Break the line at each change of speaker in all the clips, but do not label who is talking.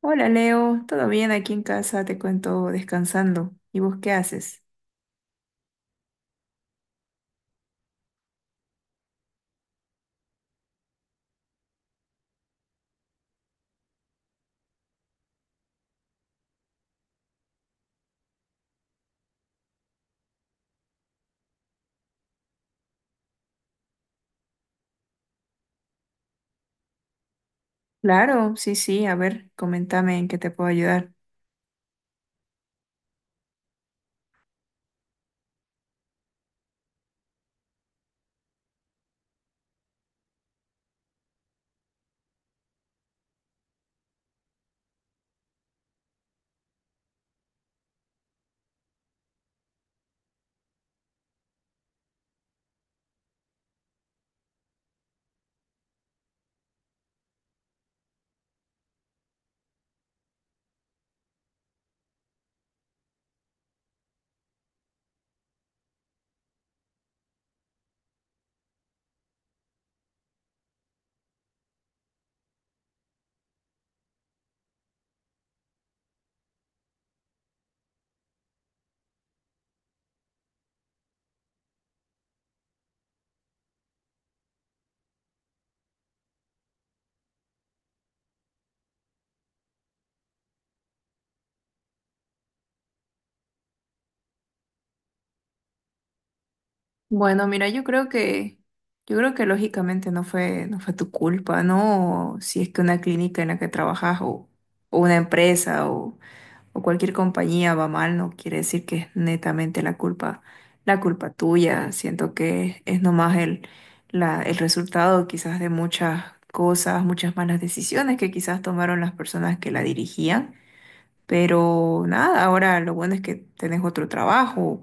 Hola Leo, ¿todo bien aquí en casa? Te cuento descansando. ¿Y vos qué haces? Claro, sí, sí, a ver, comentame en qué te puedo ayudar. Bueno, mira, yo creo que lógicamente no fue tu culpa, ¿no? Si es que una clínica en la que trabajas o una empresa o cualquier compañía va mal, no quiere decir que es netamente la culpa tuya. Siento que es nomás el resultado quizás de muchas cosas, muchas malas decisiones que quizás tomaron las personas que la dirigían. Pero nada, ahora lo bueno es que tenés otro trabajo,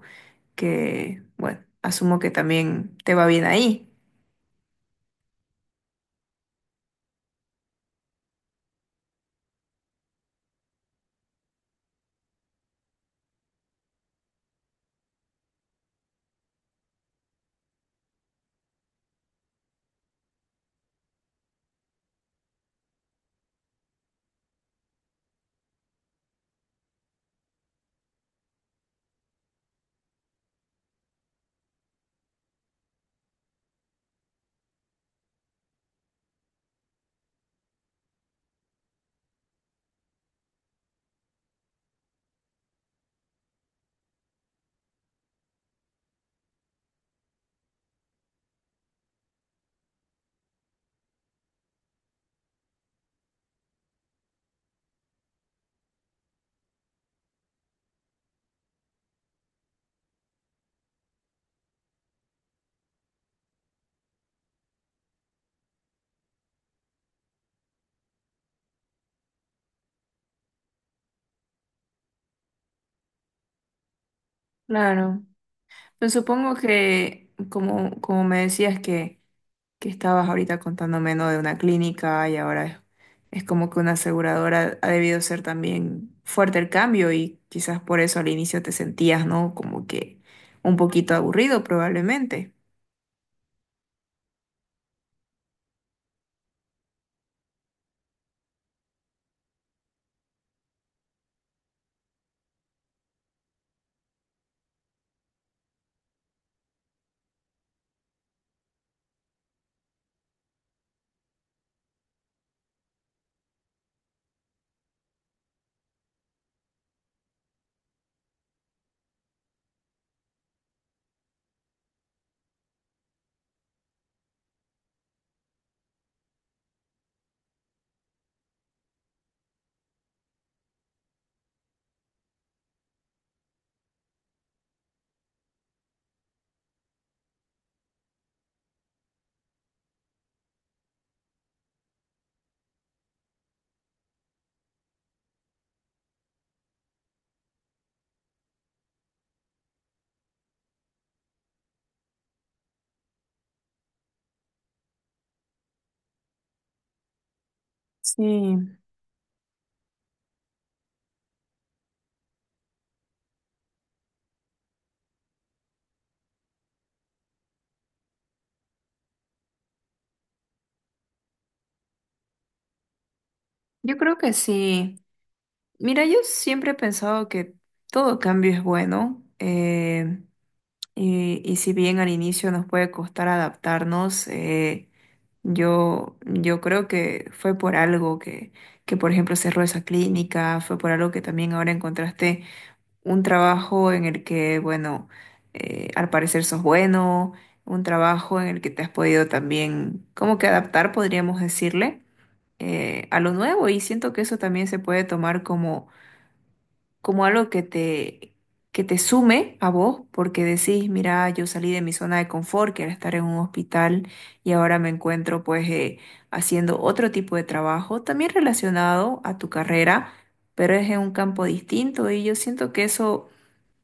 que bueno, asumo que también te va bien ahí. Claro. Pues supongo que, como, como me decías que estabas ahorita contándome, ¿no? De una clínica y ahora es como que una aseguradora ha debido ser también fuerte el cambio y quizás por eso al inicio te sentías, ¿no? Como que un poquito aburrido probablemente. Sí, yo creo que sí. Mira, yo siempre he pensado que todo cambio es bueno. Y si bien al inicio nos puede costar adaptarnos, yo creo que fue por algo que, por ejemplo, cerró esa clínica, fue por algo que también ahora encontraste un trabajo en el que, bueno, al parecer sos bueno, un trabajo en el que te has podido también, como que adaptar, podríamos decirle, a lo nuevo y siento que eso también se puede tomar como como algo que te sume a vos, porque decís, mira, yo salí de mi zona de confort, que era estar en un hospital, y ahora me encuentro pues haciendo otro tipo de trabajo, también relacionado a tu carrera, pero es en un campo distinto, y yo siento que eso,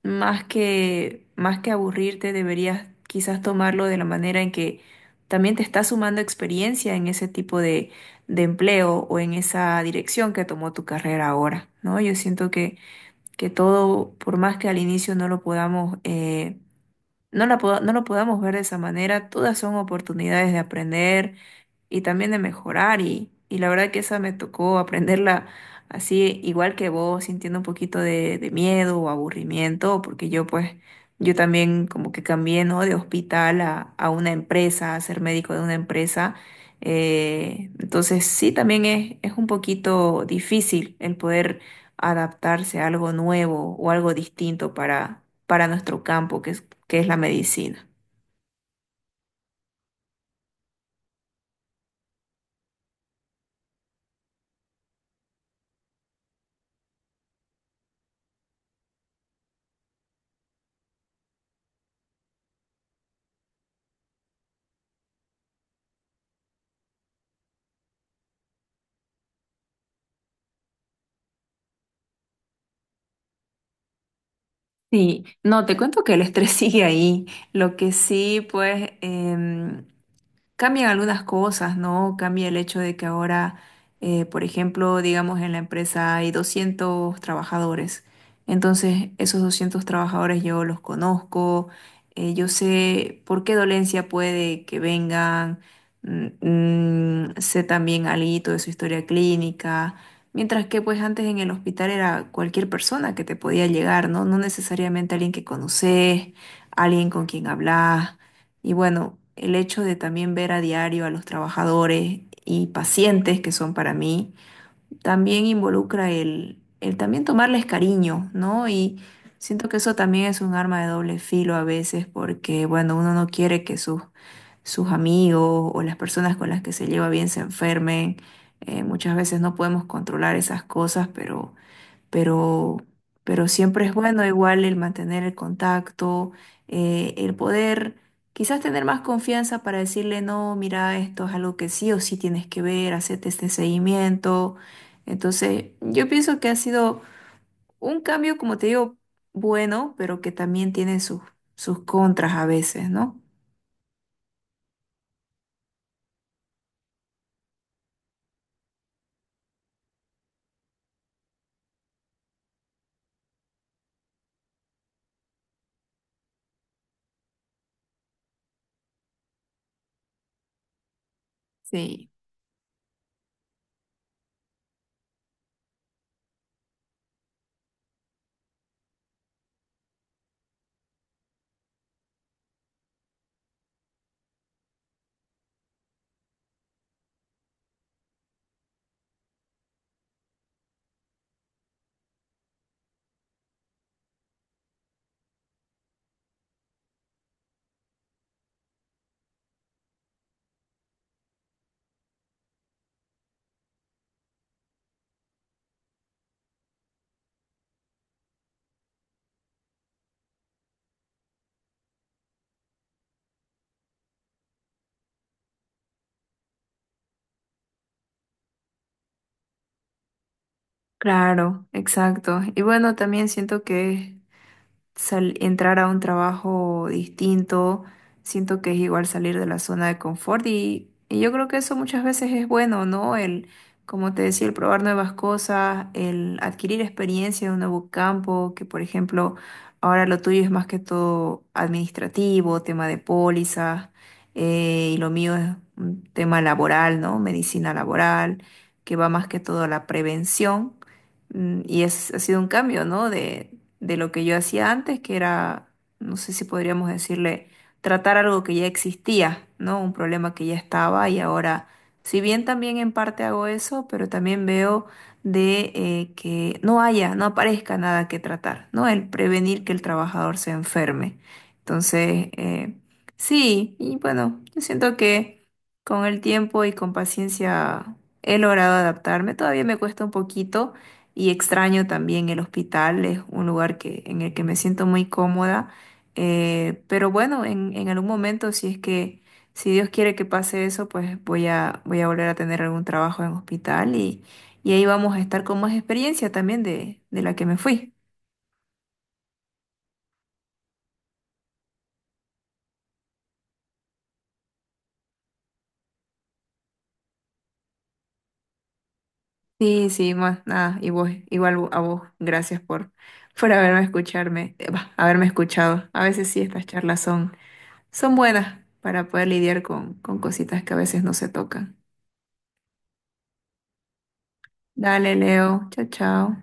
más que aburrirte, deberías quizás tomarlo de la manera en que también te está sumando experiencia en ese tipo de empleo o en esa dirección que tomó tu carrera ahora, ¿no? Yo siento que todo, por más que al inicio no lo podamos, no lo podamos ver de esa manera, todas son oportunidades de aprender y también de mejorar y la verdad que esa me tocó aprenderla así igual que vos, sintiendo un poquito de miedo o aburrimiento, porque yo también como que cambié, ¿no? De hospital a una empresa, a ser médico de una empresa. Entonces sí, también es un poquito difícil el poder adaptarse a algo nuevo o algo distinto para nuestro campo, que es la medicina. Sí, no, te cuento que el estrés sigue ahí. Lo que sí, pues, cambian algunas cosas, ¿no? Cambia el hecho de que ahora, por ejemplo, digamos en la empresa hay 200 trabajadores. Entonces, esos 200 trabajadores yo los conozco, yo sé por qué dolencia puede que vengan, mm, sé también algo de su historia clínica. Mientras que pues antes en el hospital era cualquier persona que te podía llegar, ¿no? No necesariamente alguien que conoces, alguien con quien hablas. Y bueno, el hecho de también ver a diario a los trabajadores y pacientes que son para mí también involucra el también tomarles cariño, ¿no? Y siento que eso también es un arma de doble filo a veces porque, bueno, uno no quiere que sus amigos o las personas con las que se lleva bien se enfermen. Muchas veces no podemos controlar esas cosas, pero, pero siempre es bueno igual el mantener el contacto, el poder quizás tener más confianza para decirle, no, mira, esto es algo que sí o sí tienes que ver, hacerte este seguimiento. Entonces, yo pienso que ha sido un cambio, como te digo, bueno, pero que también tiene sus contras a veces, ¿no? Sí, claro, exacto. Y bueno, también siento que es entrar a un trabajo distinto, siento que es igual salir de la zona de confort y yo creo que eso muchas veces es bueno, ¿no? El, como te decía, el probar nuevas cosas, el adquirir experiencia en un nuevo campo, que por ejemplo, ahora lo tuyo es más que todo administrativo, tema de pólizas, y lo mío es un tema laboral, ¿no? Medicina laboral, que va más que todo a la prevención. Mm, y es, ha sido un cambio, ¿no? De lo que yo hacía antes, que era, no sé si podríamos decirle, tratar algo que ya existía, ¿no? Un problema que ya estaba y ahora, si bien también en parte hago eso, pero también veo de que no haya, no aparezca nada que tratar, ¿no? El prevenir que el trabajador se enferme. Entonces, sí, y bueno, yo siento que con el tiempo y con paciencia he logrado adaptarme. Todavía me cuesta un poquito y extraño también el hospital, es un lugar que, en el que me siento muy cómoda. Pero bueno, en algún momento, si es que, si Dios quiere que pase eso, pues voy a volver a tener algún trabajo en hospital y ahí vamos a estar con más experiencia también de la que me fui. Sí, sí, más nada, y vos, igual a vos, gracias por haberme escucharme, bah, haberme escuchado. A veces sí, estas charlas son, son buenas para poder lidiar con cositas que a veces no se tocan. Dale, Leo. Chao, chao.